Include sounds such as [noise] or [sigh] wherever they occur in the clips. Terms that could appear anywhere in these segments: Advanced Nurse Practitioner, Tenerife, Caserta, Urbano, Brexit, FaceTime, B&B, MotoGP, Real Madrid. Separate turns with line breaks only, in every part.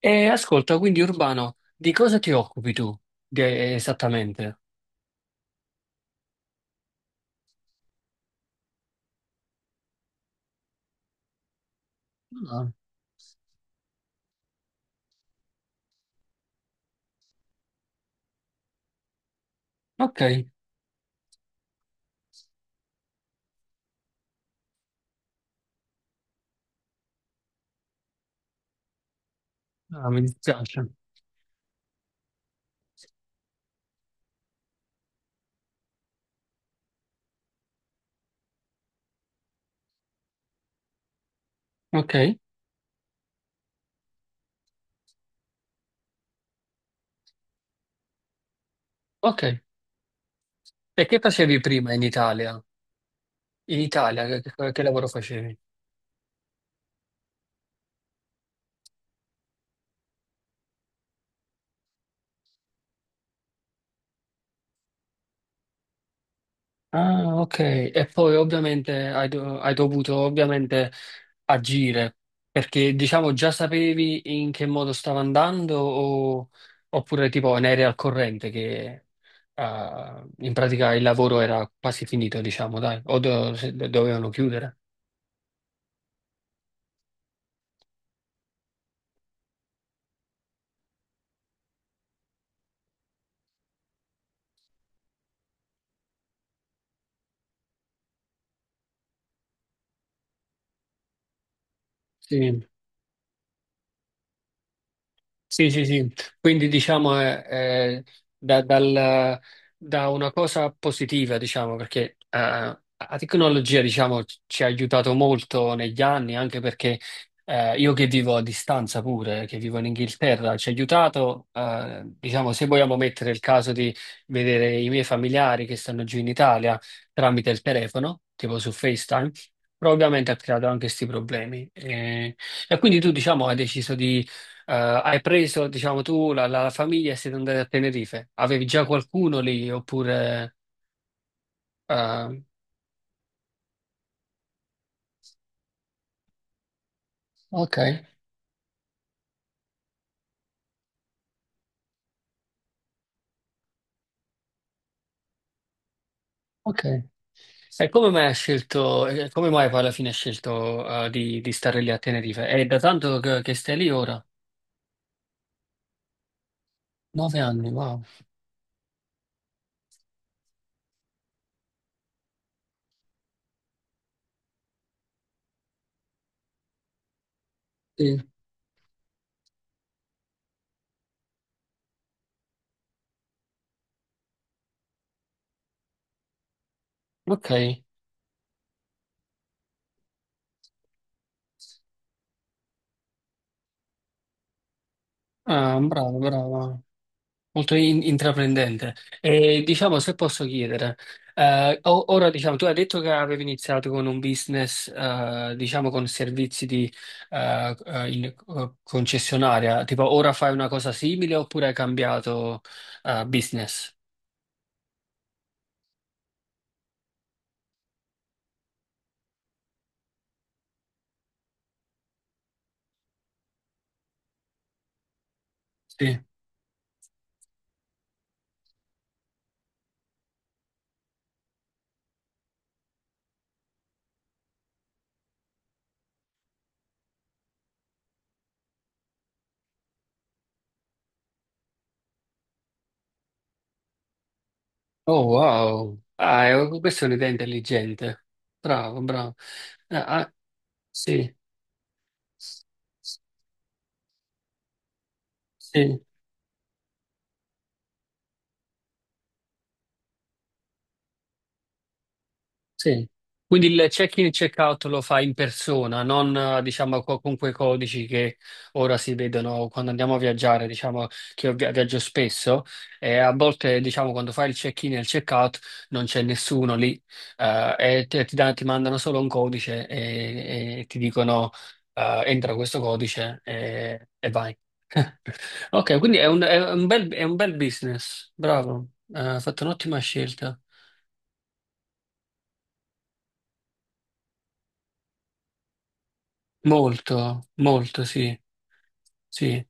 E ascolta, quindi Urbano, di cosa ti occupi tu esattamente? Ah, ok. Ah, mi dispiace. Ok, ok. E che facevi prima in Italia? In Italia, che lavoro facevi? Ah, ok. E poi ovviamente hai dovuto ovviamente agire, perché diciamo già sapevi in che modo stava andando oppure tipo ne eri al corrente che in pratica il lavoro era quasi finito, diciamo, dai, o do- se- dovevano chiudere. Sì. Sì, sì, sì, quindi diciamo è da, dal- da una cosa positiva, diciamo, perché la tecnologia, diciamo, ci ha aiutato molto negli anni, anche perché io che vivo a distanza pure, che vivo in Inghilterra, ci ha aiutato, diciamo, se vogliamo mettere il caso di vedere i miei familiari che stanno giù in Italia tramite il telefono, tipo su FaceTime, però ovviamente ha creato anche questi problemi. E quindi tu, diciamo, hai deciso hai preso, diciamo, tu la famiglia e siete andati a Tenerife. Avevi già qualcuno lì oppure? eh, ok, ok. E come mai hai scelto, e come mai poi alla fine hai scelto di stare lì a Tenerife? È da tanto che stai lì ora? 9 anni, wow. Sì. Ok. Ah, bravo, bravo. Molto intraprendente. E diciamo, se posso chiedere, ora diciamo, tu hai detto che avevi iniziato con un business, diciamo, con servizi di concessionaria, tipo ora fai una cosa simile oppure hai cambiato business? Sì. Oh, wow. Ah, questa è un'idea intelligente. Bravo, bravo. Ah, ah, sì. Sì. Sì. Quindi il check-in e check-out lo fa in persona, non diciamo con quei codici che ora si vedono quando andiamo a viaggiare, diciamo che io viaggio spesso e a volte diciamo quando fai il check-in e il check-out non c'è nessuno lì e ti mandano solo un codice e ti dicono entra questo codice e vai. [laughs] Ok, quindi è un bel business, bravo. Hai fatto un'ottima scelta. Molto, molto, sì, sì.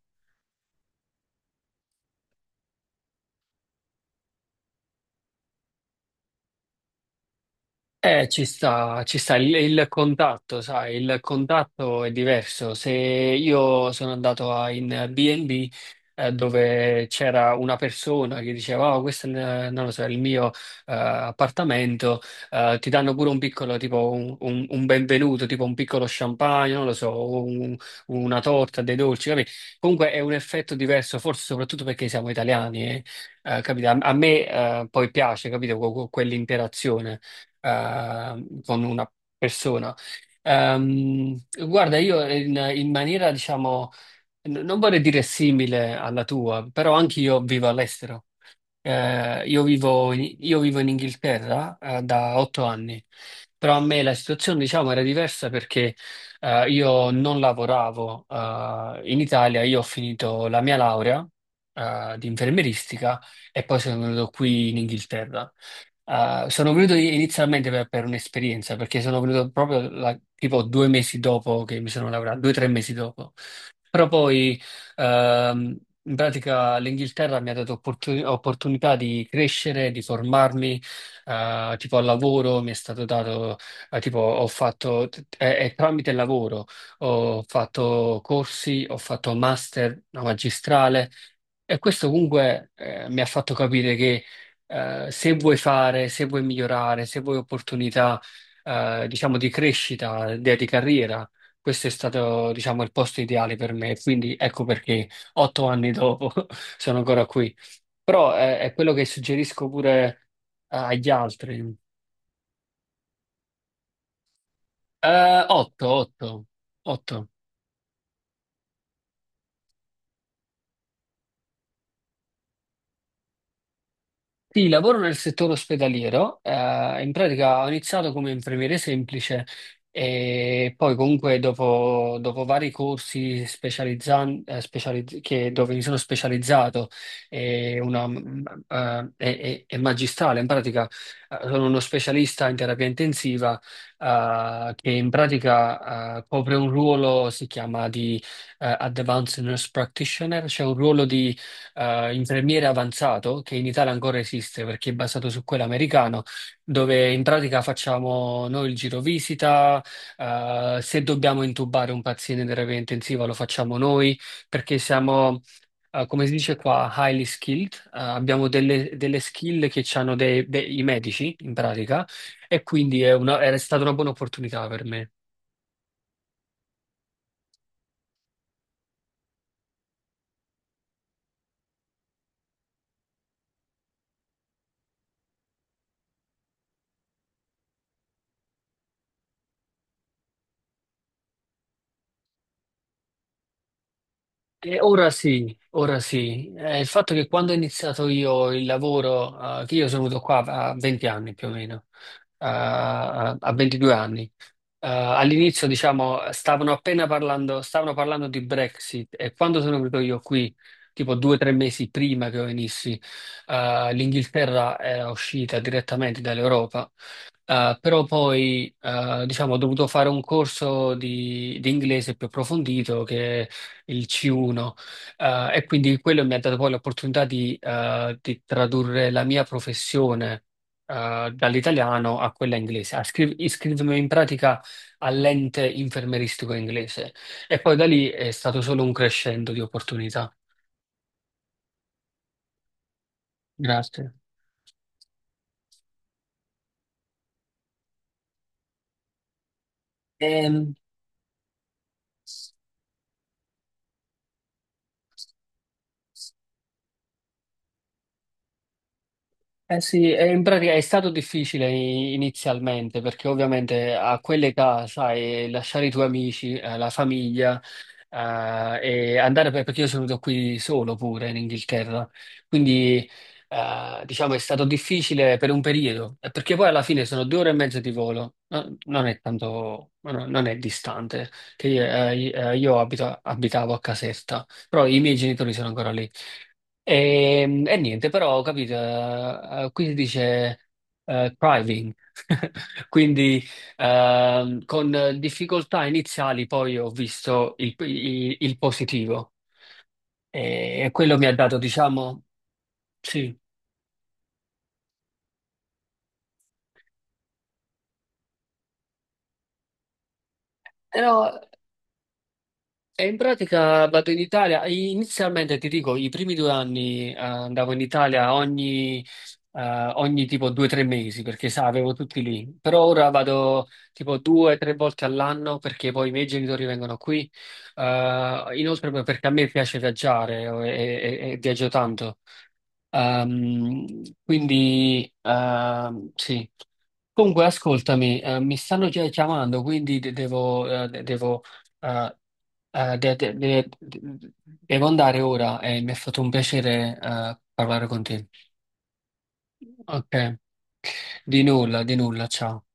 Ci sta, ci sta il contatto, sai, il contatto è diverso. Se io sono andato in B&B dove c'era una persona che diceva, oh, questo è, non lo so, il mio appartamento, ti danno pure un piccolo, tipo un benvenuto, tipo un piccolo champagne, non lo so, una torta, dei dolci, capì? Comunque è un effetto diverso, forse soprattutto perché siamo italiani, capito? A me poi piace, capito, quell'interazione con una persona. Ehm, guarda, io in maniera, diciamo, non vorrei dire simile alla tua, però anche io vivo all'estero. Io vivo in Inghilterra, da 8 anni, però a me la situazione, diciamo, era diversa perché, io non lavoravo, in Italia, io ho finito la mia laurea, di infermieristica e poi sono venuto qui in Inghilterra. Sono venuto inizialmente per un'esperienza, perché sono venuto proprio tipo 2 mesi dopo che mi sono laureato, 2 o 3 mesi dopo. Però poi. Ehm, in pratica l'Inghilterra mi ha dato opportunità di crescere, di formarmi, tipo al lavoro mi è stato dato, tipo ho fatto, è tramite il lavoro, ho fatto corsi, ho fatto master, una magistrale, e questo comunque mi ha fatto capire che se vuoi fare, se vuoi migliorare, se vuoi opportunità, diciamo, di crescita, di carriera, questo è stato, diciamo, il posto ideale per me. Quindi ecco perché 8 anni dopo [laughs] sono ancora qui. Però è quello che suggerisco pure agli altri. Otto, otto, otto. Sì, lavoro nel settore ospedaliero, in pratica ho iniziato come infermiere semplice e poi comunque dopo vari corsi dove mi sono specializzato e, una, mm, e magistrale, in pratica sono uno specialista in terapia intensiva che in pratica copre un ruolo, si chiama di Advanced Nurse Practitioner, cioè un ruolo di infermiere avanzato che in Italia ancora esiste perché è basato su quello americano, dove in pratica facciamo noi il giro visita, se dobbiamo intubare un paziente in terapia intensiva lo facciamo noi perché siamo, come si dice qua, highly skilled, abbiamo delle skill che hanno i medici in pratica e quindi è è stata una buona opportunità per me. Ora sì, ora sì. Il fatto che quando ho iniziato io il lavoro, che io sono venuto qua a 20 anni più o meno, a 22 anni, all'inizio, diciamo, stavano appena parlando, stavano parlando di Brexit e quando sono venuto io qui, tipo 2 o 3 mesi prima che io venissi, l'Inghilterra era uscita direttamente dall'Europa. Però poi, diciamo, ho dovuto fare un corso di inglese più approfondito che è il C1, e quindi quello mi ha dato poi l'opportunità di tradurre la mia professione, dall'italiano a quella inglese. Iscritto in pratica all'ente infermeristico inglese e poi da lì è stato solo un crescendo di opportunità. Grazie. Ehm, Eh sì, e in pratica è stato difficile inizialmente perché ovviamente a quell'età, sai, lasciare i tuoi amici, la famiglia, eh, e andare perché io sono venuto qui solo pure in Inghilterra, quindi diciamo è stato difficile per un periodo, perché poi alla fine sono 2 ore e mezzo di volo, non è tanto, non è distante, che io abitavo a Caserta, però i miei genitori sono ancora lì. E niente, però ho capito, qui si dice thriving, [laughs] quindi con difficoltà iniziali poi ho visto il positivo e quello mi ha dato, diciamo, sì. E in pratica vado in Italia. Inizialmente ti dico, i primi 2 anni andavo in Italia ogni tipo 2 o 3 mesi perché sa, avevo tutti lì. Però ora vado tipo 2 o 3 volte all'anno perché poi i miei genitori vengono qui. Inoltre poi perché a me piace viaggiare e viaggio tanto. Ehm, quindi sì. Comunque, ascoltami, mi stanno già chiamando, quindi eh, eh, de- de- de- de- devo andare ora e mi è fatto un piacere, parlare con te. Ok, di nulla, ciao.